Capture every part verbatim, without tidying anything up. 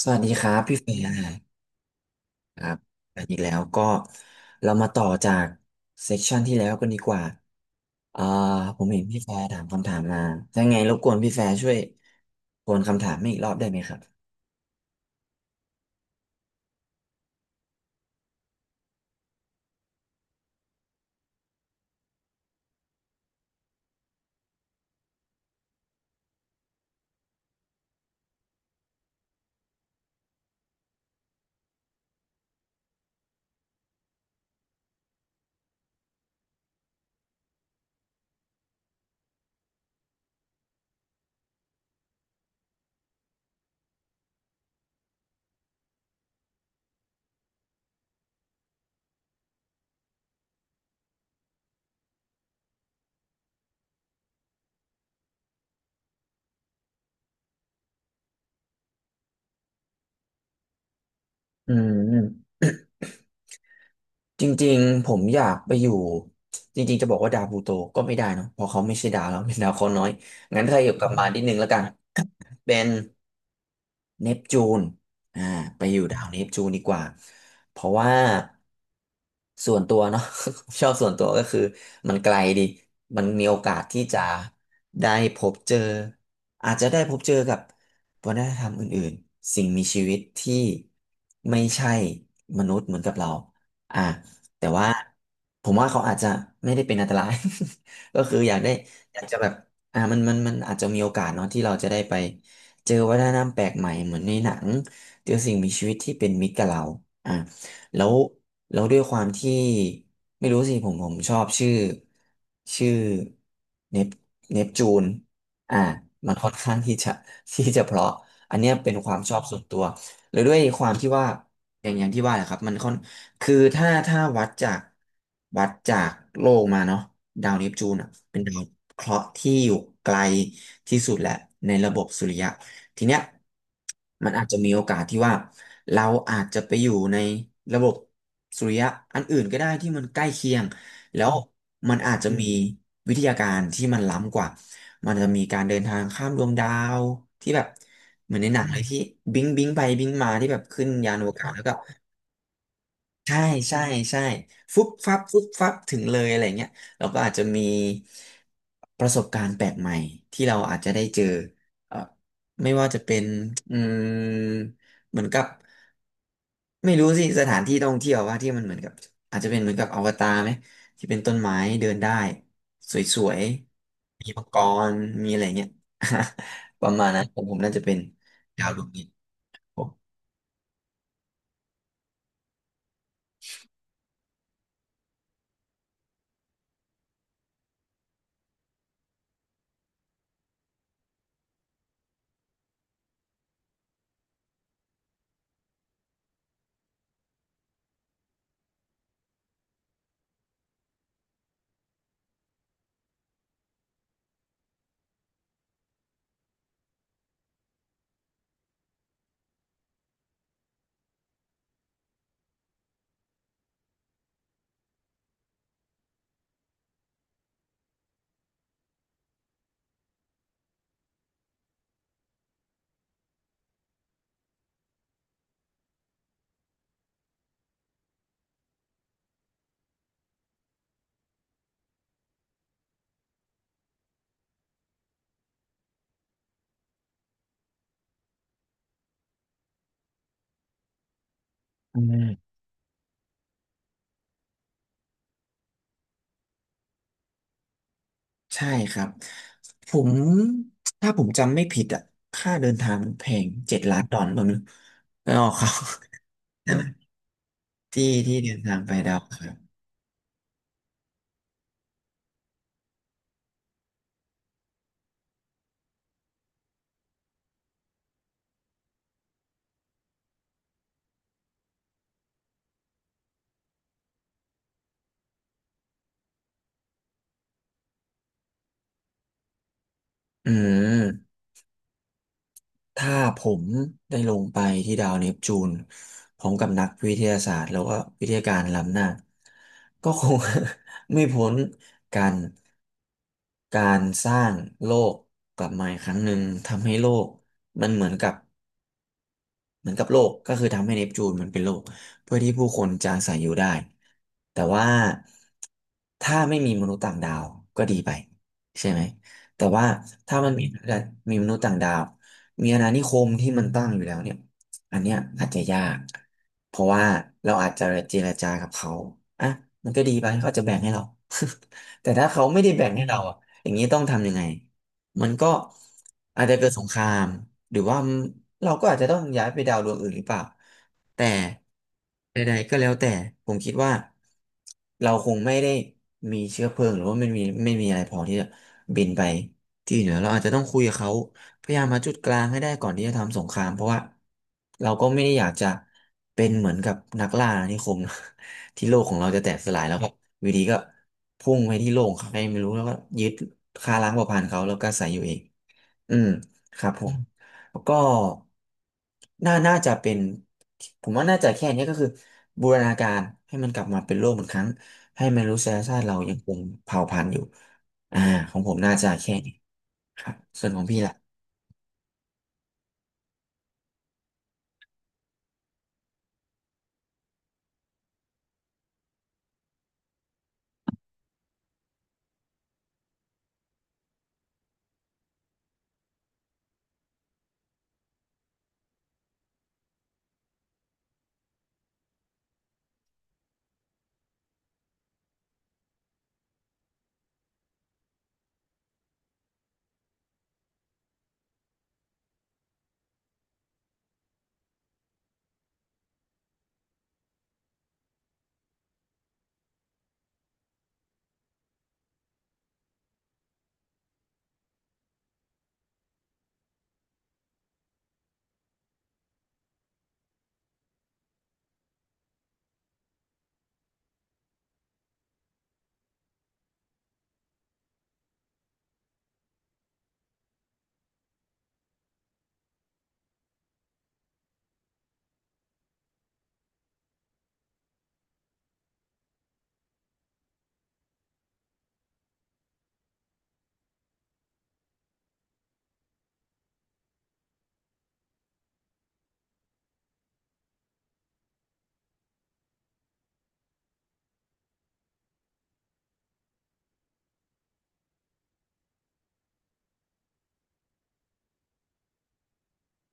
สวัสดีครับพี่เฟียร์ครับอันนีกแล้วก็เรามาต่อจากเซสชันที่แล้วกันดีกว่าอ่าผมเห็นพี่แฟร์ถามคำถามมาถ้าไงรบกวนพี่แฟร์ช่วยทวนคำถามให้อีกรอบได้ไหมครับอืมจริงๆผมอยากไปอยู่จริงๆจะบอกว่าดาวพลูโตก็ไม่ได้เนอะเพราะเขาไม่ใช่ดาวแล้ว เป็นดาวเคราะห์น้อยงั้นถ้าอยู่กลับมารนิดนึงแล้วกัน เป็นเนปจูนอ่าไปอยู่ดาวเนปจูนดีกว่าเพราะว่าส่วนตัวเนาะ ชอบส่วนตัวก็คือมันไกลดีมันมีโอกาสที่จะได้พบเจออาจจะได้พบเจอกับวัฒนธรรมอื่นๆสิ่งมีชีวิตที่ไม่ใช่มนุษย์เหมือนกับเราอ่าแต่ว่าผมว่าเขาอาจจะไม่ได้เป็นอันตราย ก็คืออยากได้อยากจะแบบอ่ามันมันมันอาจจะมีโอกาสเนาะที่เราจะได้ไป เจอวัฒนธรรมแปลกใหม่เหมือนในหนังเจอสิ่งมีชีวิตที่เป็นมิตรกับเราอ่ะแล้วแล้วด้วยความที่ไม่รู้สิผมผมชอบชื่อชื่อเนปเนปจูนอ่ะมันค่อนข้างที่จะ ที่จะเพราะอันเนี้ยเป็นความชอบส่วนตัวหรือด้วยความที่ว่าอย่างอย่างที่ว่าแหละครับมันค่อนคือถ้าถ้าวัดจากวัดจากโลกมาเนาะดาวเนปจูนอ่ะเป็นดาวเคราะห์ที่อยู่ไกลที่สุดแหละในระบบสุริยะ ทีเนี้ยมันอาจจะมีโอกาสที่ว่าเราอาจจะไปอยู่ในระบบสุริยะอันอื่นก็ได้ที่มันใกล้เคียงแล้วมันอาจจะมีวิทยาการที่มันล้ำกว่ามันจะมีการเดินทางข้ามดวงดาวที่แบบเหมือนในหนังเลยที่บิงบิงไปบิงมาที่แบบขึ้นยานอวกาศแล้วก็ ใช่ใช่ใช่ฟุบฟับฟุบฟับถึงเลยอะไรเงี้ยเราก็อาจจะมีประสบการณ์แปลกใหม่ที่เราอาจจะได้เจอเอ่อไม่ว่าจะเป็นอืมเหมือนกับไม่รู้สิสถานที่ท่องเที่ยวว่าที่มันเหมือนกับอาจจะเป็นเหมือนกับอวตารไหมที่เป็นต้นไม้เดินได้สวยๆมีมังกรมีอะไรเงี้ย ประมาณนั้นผมผมน่าจะเป็นดาวดวงนี้ครับผมอืม ใช่ครับผมถ้าผมจำไม่ผิดอ่ะค่าเดินทางมันแพงเจ็ดล้านดอลลาร์ผมั้งไม่ออกครับ ใช่ไหม ที่ที่เดินทางไปดาวอังครับอืมถ้าผมได้ลงไปที่ดาวเนปจูนพร้อมกับนักวิทยาศาสตร์แล้วก็วิทยาการล้ำหน้าก็คง ไม่พ้นการการสร้างโลกกลับมาอีกครั้งหนึ่งทำให้โลกมันเหมือนกับ เหมือนกับโลกก็คือทำให้เนปจูนมันเป็นโลกเพื่อที่ผู้คนจะอาศัยอยู่ได้แต่ว่าถ้าไม่มีมนุษย์ต่างดาวก็ดีไปใช่ไหมแต่ว่าถ้ามันมีมีมนุษย์ต่างดาวมีอาณานิคมที่มันตั้งอยู่แล้วเนี่ยอันเนี้ยอาจจะยากเพราะว่าเราอาจจะเจรจากับเขาอ่ะมันก็ดีไปเขาอาจจะแบ่งให้เรา แต่ถ้าเขาไม่ได้แบ่งให้เราอ่ะอย่างนี้ต้องทำยังไง มันก็อาจจะเกิดสงครามหรือว่าเราก็อาจจะต้องย้ายไปดาวดวงอื่นหรือเปล่าแต่ใดๆก็แล้วแต่ผมคิดว่าเราคงไม่ได้มีเชื้อเพลิงหรือว่าไม่มีไม่มีอะไรพอที่จะบินไปที่อื่นแล้วเราอาจจะต้องคุยกับเขาพยายามหาจุดกลางให้ได้ก่อนที่จะทำสงครามเพราะว่าเราก็ไม่ได้อยากจะเป็นเหมือนกับนักล่าอาณานิคมนะ ที่โลกของเราจะแตกสลายแล้วครับวีดีก็พุ่งไปที่โลกของใครไม่รู้แล้วก็ยึดฆ่าล้างเผ่าพันธุ์เขาแล้วก็อาศัยอยู่เองอืมครับผมแล้วก็น่าน่าจะเป็นผมว่าน่าจะแค่นี้ก็คือบูรณาการให้มันกลับมาเป็นโลกเหมือนครั้งให้มนุษยชาติเรายังคงเผ่าพันธุ์อยู่อ่าของผมน่าจะแค่นี้ครับส่วนของพี่ล่ะ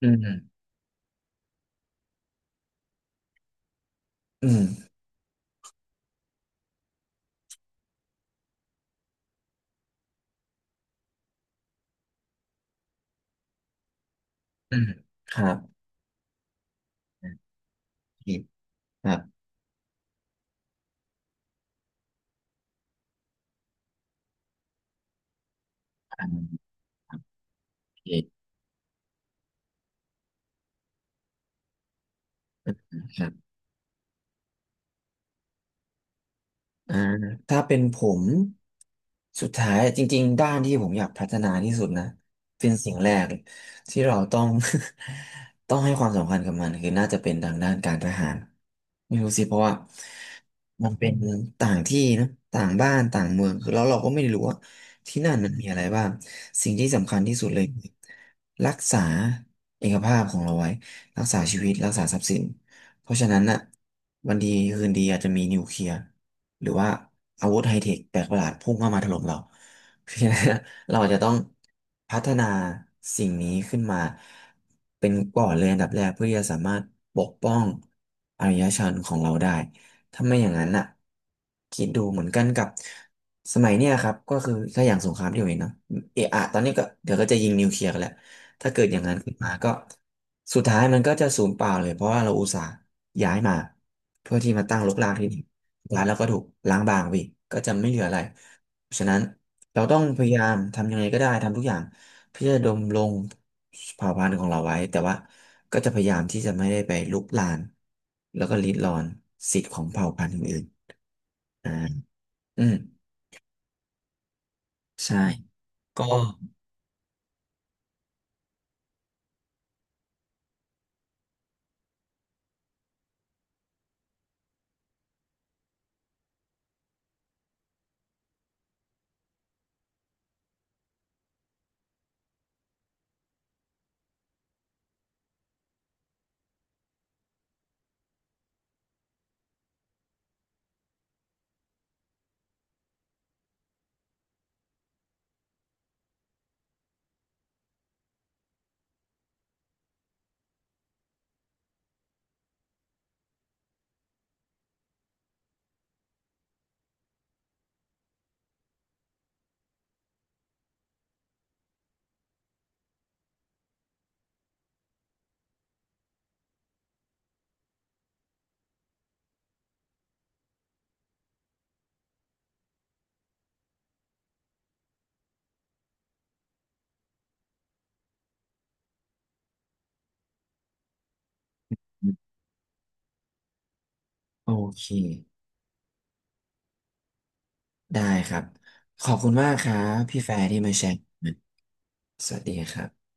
อืมอืมอืมครับอืมครับอ่าโอเคครับ อ่าถ้าเป็นผมสุดท้ายจริงๆด้านที่ผมอยากพัฒนาที่สุดนะเป็นสิ่งแรกที่เราต้อง ต้องให้ความสำคัญกับมันคือน่าจะเป็นทางด้านการทหารไม่รู้สิเพราะว่ามันเป็นต่างที่นะต่างบ้านต่างเมืองคือแล้วเราก็ไม่รู้ว่าที่นั่นมันมีอะไรบ้างสิ่งที่สำคัญที่สุดเลยคือรักษาเอกภาพของเราไว้รักษาชีวิตรักษาทรัพย์สินเพราะฉะนั้นน่ะวันดีคืนดีอาจจะมีนิวเคลียร์ หรือว่าอาวุธไฮเทคแปลกประหลาดพุ่งเข้ามาถล่มเรา เพราะฉะนั้นเราอาจจะต้องพัฒนาสิ่งนี้ขึ้นมาเป็นก่อนเลยอันดับแรกเพื่อที่จะสามารถปกป้องอารยชนของเราได้ถ้าไม่อย่างนั้นน่ะคิดดูเหมือนกันกับสมัยเนี้ยครับก็คือถ้าอย่างสงครามที่เราเห็นเนาะเอะอะตอนนี้ก็เดี๋ยวก็จะยิงนิวเคลียร์กันแหละถ้าเกิดอย่างนั้นขึ้นมาก็สุดท้ายมันก็จะสูญเปล่าเลยเพราะว่าเราอุตส่าห์ย้ายมาเพื่อที่มาตั้งรกรากที่นี่ ร้านเราก็ถูกล้างบางไปอีกก็จะไม่เหลืออะไรฉะนั้นเราต้องพยายามทำยังไงก็ได้ทำทุกอย่างเพื่อดำรงเผ่าพันธุ์ของเราไว้แต่ว่าก็จะพยายามที่จะไม่ได้ไปรุกรานแล้วก็ริดรอนสิทธิ์ของเผ่าพันธุ์อื่นๆอ่าอืมใช่ก็โอเคได้ครับขอบคุณมากครับพี่แฟร์ที่มาแชร์กันสวัสดีครับ